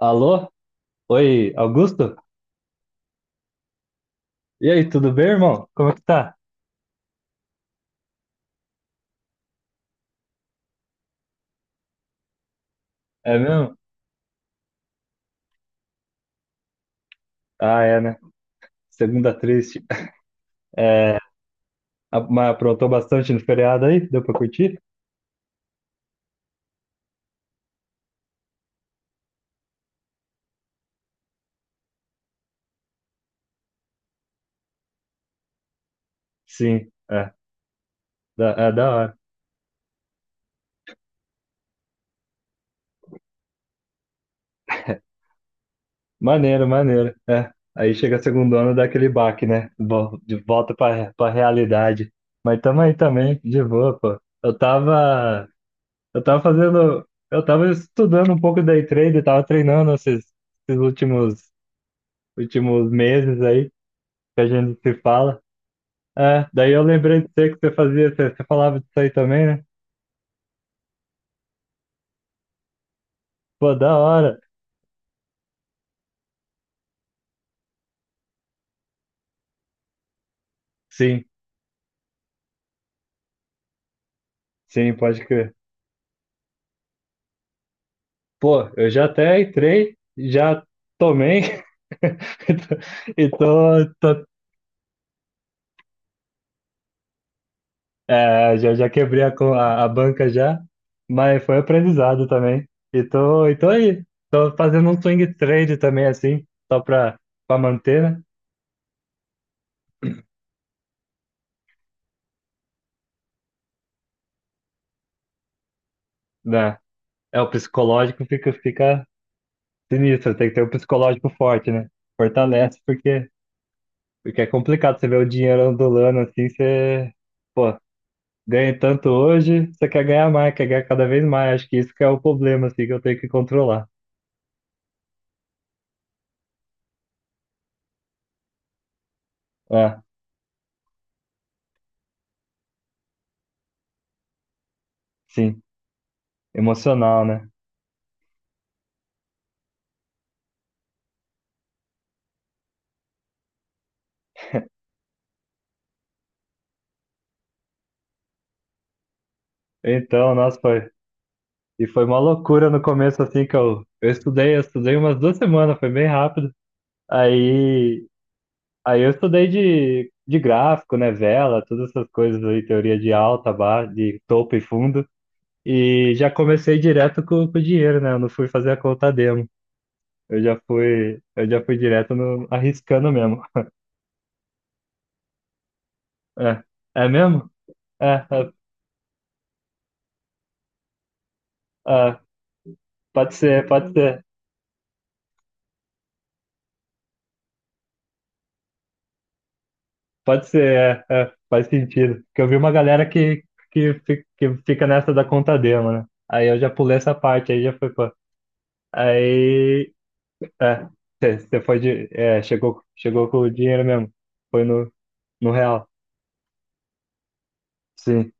Alô? Oi, Augusto? E aí, tudo bem, irmão? Como é que tá? É mesmo? Ah, é, né? Segunda triste. É, mas aprontou bastante no feriado aí? Deu pra curtir? Sim, é. É da hora. Maneiro, maneiro. É. Aí chega a segundona, dá aquele baque, né? De volta pra realidade. Mas tamo aí também, de boa, pô. Eu tava. Eu tava fazendo. Eu tava estudando um pouco day trade, tava treinando esses últimos meses aí. Que a gente se fala. É, daí eu lembrei de você que você fazia, você falava disso aí também, né? Pô, da hora. Sim, sim, pode crer. Pô, eu já até entrei, já tomei e tô, e tô, tô- é, já quebrei a banca já, mas foi aprendizado também. E tô aí, tô fazendo um swing trade também assim, só pra manter, né? Né? É, o psicológico fica sinistro, tem que ter um psicológico forte, né? Fortalece. Porque é complicado você ver o dinheiro ondulando assim, você, pô, ganha tanto hoje, você quer ganhar mais, quer ganhar cada vez mais. Acho que isso que é o problema, assim, que eu tenho que controlar. É, sim, emocional, né? Então, nossa, foi. E foi uma loucura no começo, assim, que eu estudei umas duas semanas, foi bem rápido. Aí, aí, eu estudei de gráfico, né? Vela, todas essas coisas aí, teoria de alta, baixa, de topo e fundo. E já comecei direto com o dinheiro, né? Eu não fui fazer a conta demo. Eu já fui direto no, arriscando mesmo. É, é mesmo? É, é, é. Pode ser, pode ser, pode ser, é, é, faz sentido. Porque eu vi uma galera que fica nessa da Contadema, né? Aí eu já pulei essa parte, aí já foi, pô. Aí, é, você é, chegou com o dinheiro mesmo. Foi no real. Sim,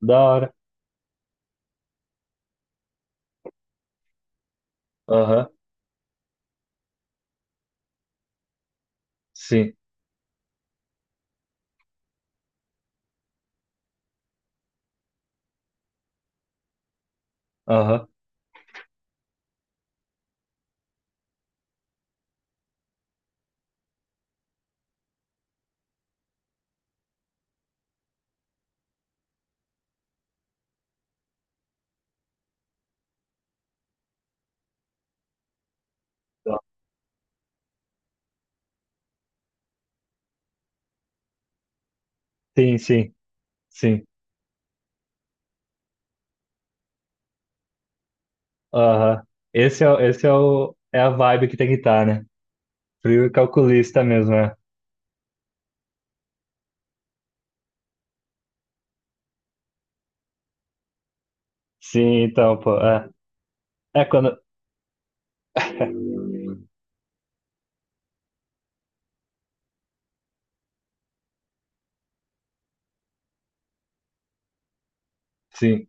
da hora. Aham, sim, aham. Sim, sim, sim. Aham. É a vibe que tem que estar, né? Frio e calculista mesmo, é. Sim, então, pô. É, quando. É. Sim.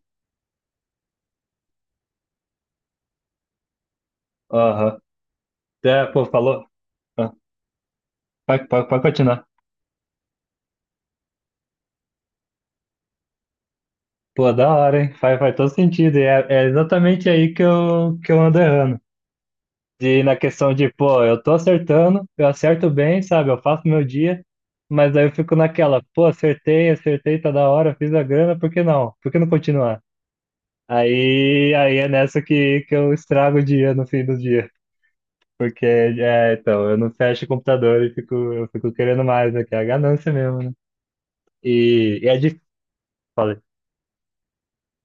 Aham. É, pô, falou. Ah, pode continuar. Pô, da hora, hein? Faz todo sentido. E é exatamente aí que eu ando errando. Na questão de, pô, eu tô acertando, eu acerto bem, sabe? Eu faço meu dia, mas aí eu fico naquela, pô, acertei, acertei, tá da hora, fiz a grana, por que não? Por que não continuar? Aí, é nessa que eu estrago o dia no fim do dia. Porque, é, então, eu não fecho o computador e eu fico querendo mais, né? Que é a ganância mesmo, né? E, e é, di- Falei,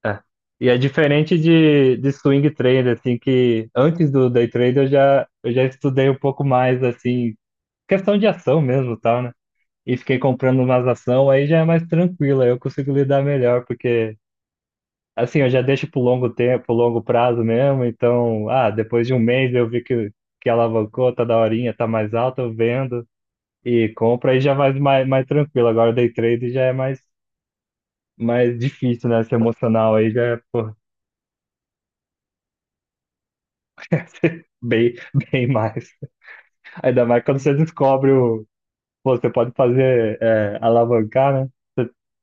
é. E é diferente de swing trade, assim, que antes do day trade eu já estudei um pouco mais, assim, questão de ação mesmo, e tal, né? E fiquei comprando umas ação, aí já é mais tranquilo, aí eu consigo lidar melhor, porque, assim, eu já deixo pro longo tempo, pro longo prazo mesmo, então, ah, depois de um mês eu vi que alavancou, tá daorinha, tá mais alta, eu vendo e compro, aí já vai mais tranquilo. Agora day trade já é mais difícil, né? Esse emocional aí já é pô, bem, bem mais. Ainda mais quando você descobre pô, você pode fazer é, alavancar, né?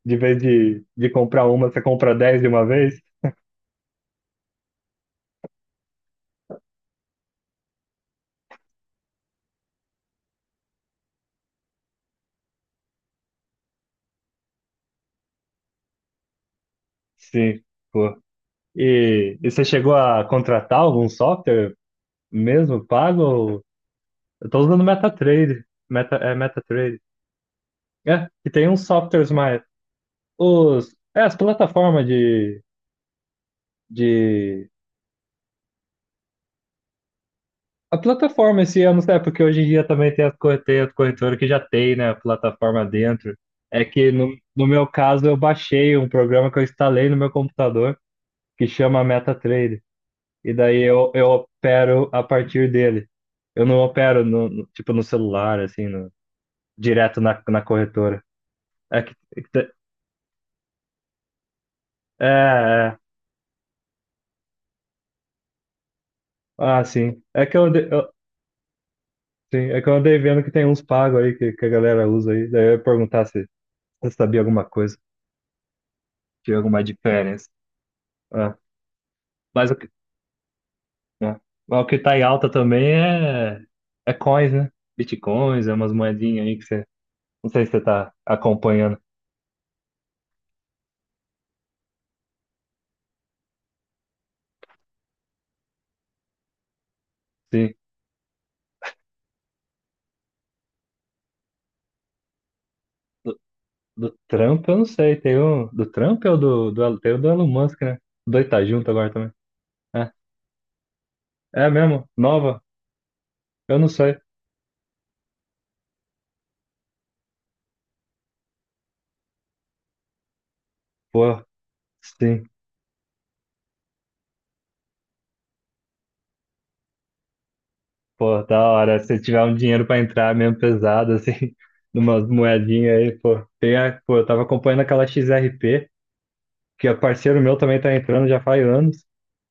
De vez de comprar uma, você compra dez de uma vez. Sim, pô. E você chegou a contratar algum software mesmo pago? Eu tô usando MetaTrader. É MetaTrader. É, que tem uns softwares mais. As plataformas de. A plataforma esse ano, é porque hoje em dia também tem as corretoras que já tem, né? A plataforma dentro. É que no meu caso eu baixei um programa que eu instalei no meu computador que chama MetaTrader. E daí eu opero a partir dele. Eu não opero no, tipo no celular, assim, direto na corretora. É que, é, que- é, Ah, sim. É que eu, ande- eu- sim, é que eu andei vendo que tem uns pagos aí que a galera usa aí. Daí eu ia perguntar se você sabia alguma coisa, tinha alguma diferença. Ah, mas, o que, ah, mas o que tá em alta também é coins, né? Bitcoins, é umas moedinhas aí que você. Não sei se você tá acompanhando. Sim. Do, do Trump, eu não sei. Tem um. Do Trump ou tem o do Elon Musk, né? Os dois tá junto agora também. É, é mesmo? Nova? Eu não sei. Pô, sim. Pô, da hora. Se tiver um dinheiro pra entrar mesmo pesado, assim, numas moedinhas aí, pô. Pô, eu tava acompanhando aquela XRP, que é parceiro meu também tá entrando já faz anos,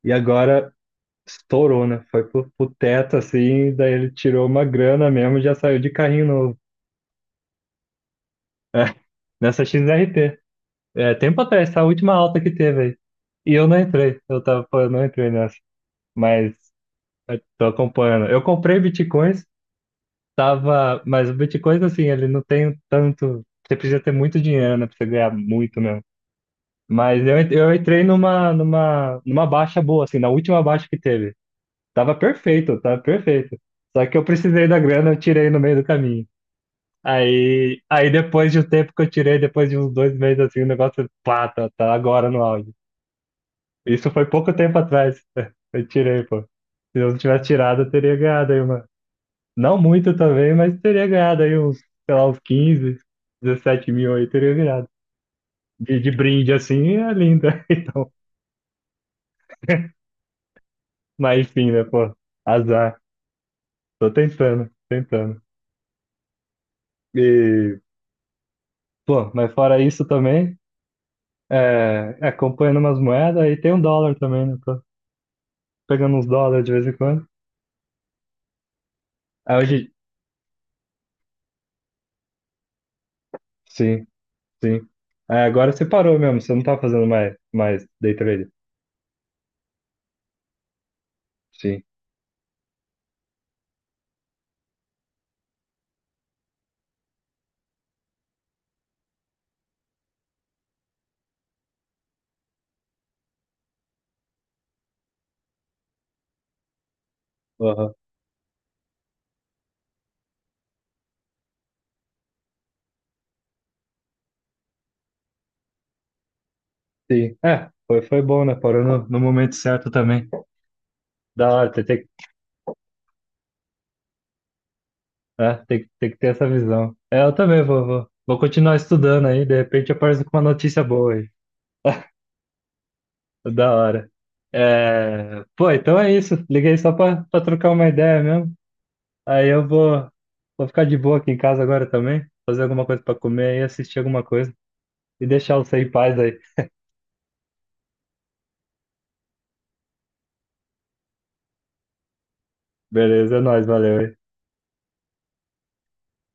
e agora estourou, né? Foi pro teto, assim, daí ele tirou uma grana mesmo e já saiu de carrinho novo. Nessa XRP. É, tempo atrás, essa última alta que teve aí. E eu não entrei, eu tava, pô, eu não entrei nessa. Mas eu tô acompanhando. Eu comprei Bitcoin. Tava, mas o Bitcoin, assim, ele não tem tanto. Você precisa ter muito dinheiro, né? Pra você ganhar muito mesmo. Mas eu entrei numa baixa boa, assim, na última baixa que teve. Tava perfeito, tava perfeito. Só que eu precisei da grana, eu tirei no meio do caminho. Aí, depois de um tempo que eu tirei, depois de uns dois meses, assim, o negócio, pá, tá agora no auge. Isso foi pouco tempo atrás. Eu tirei, pô. Se eu não tivesse tirado, eu teria ganhado aí. Não muito também, mas teria ganhado aí uns, sei lá, uns 15, 17 mil aí, teria ganhado. De brinde assim é linda. Então, mas enfim, né, pô, azar. Tô tentando, tentando. E, pô, mas fora isso também, é, acompanhando umas moedas e tem um dólar também, né? Tô pegando uns dólares de vez em quando. Aí hoje, sim, sim. É, agora você parou mesmo, você não tá fazendo mais day trade. Sim, aham, sim. É, foi bom, né? Parou no momento certo também. Da hora, tem que ter essa visão. É, eu também vou continuar estudando aí, de repente aparece com uma notícia boa aí. Da hora. É, pô, então é isso. Liguei só pra trocar uma ideia mesmo. Aí eu vou ficar de boa aqui em casa agora também, fazer alguma coisa pra comer e assistir alguma coisa e deixar você em paz aí. Beleza, é nóis, valeu.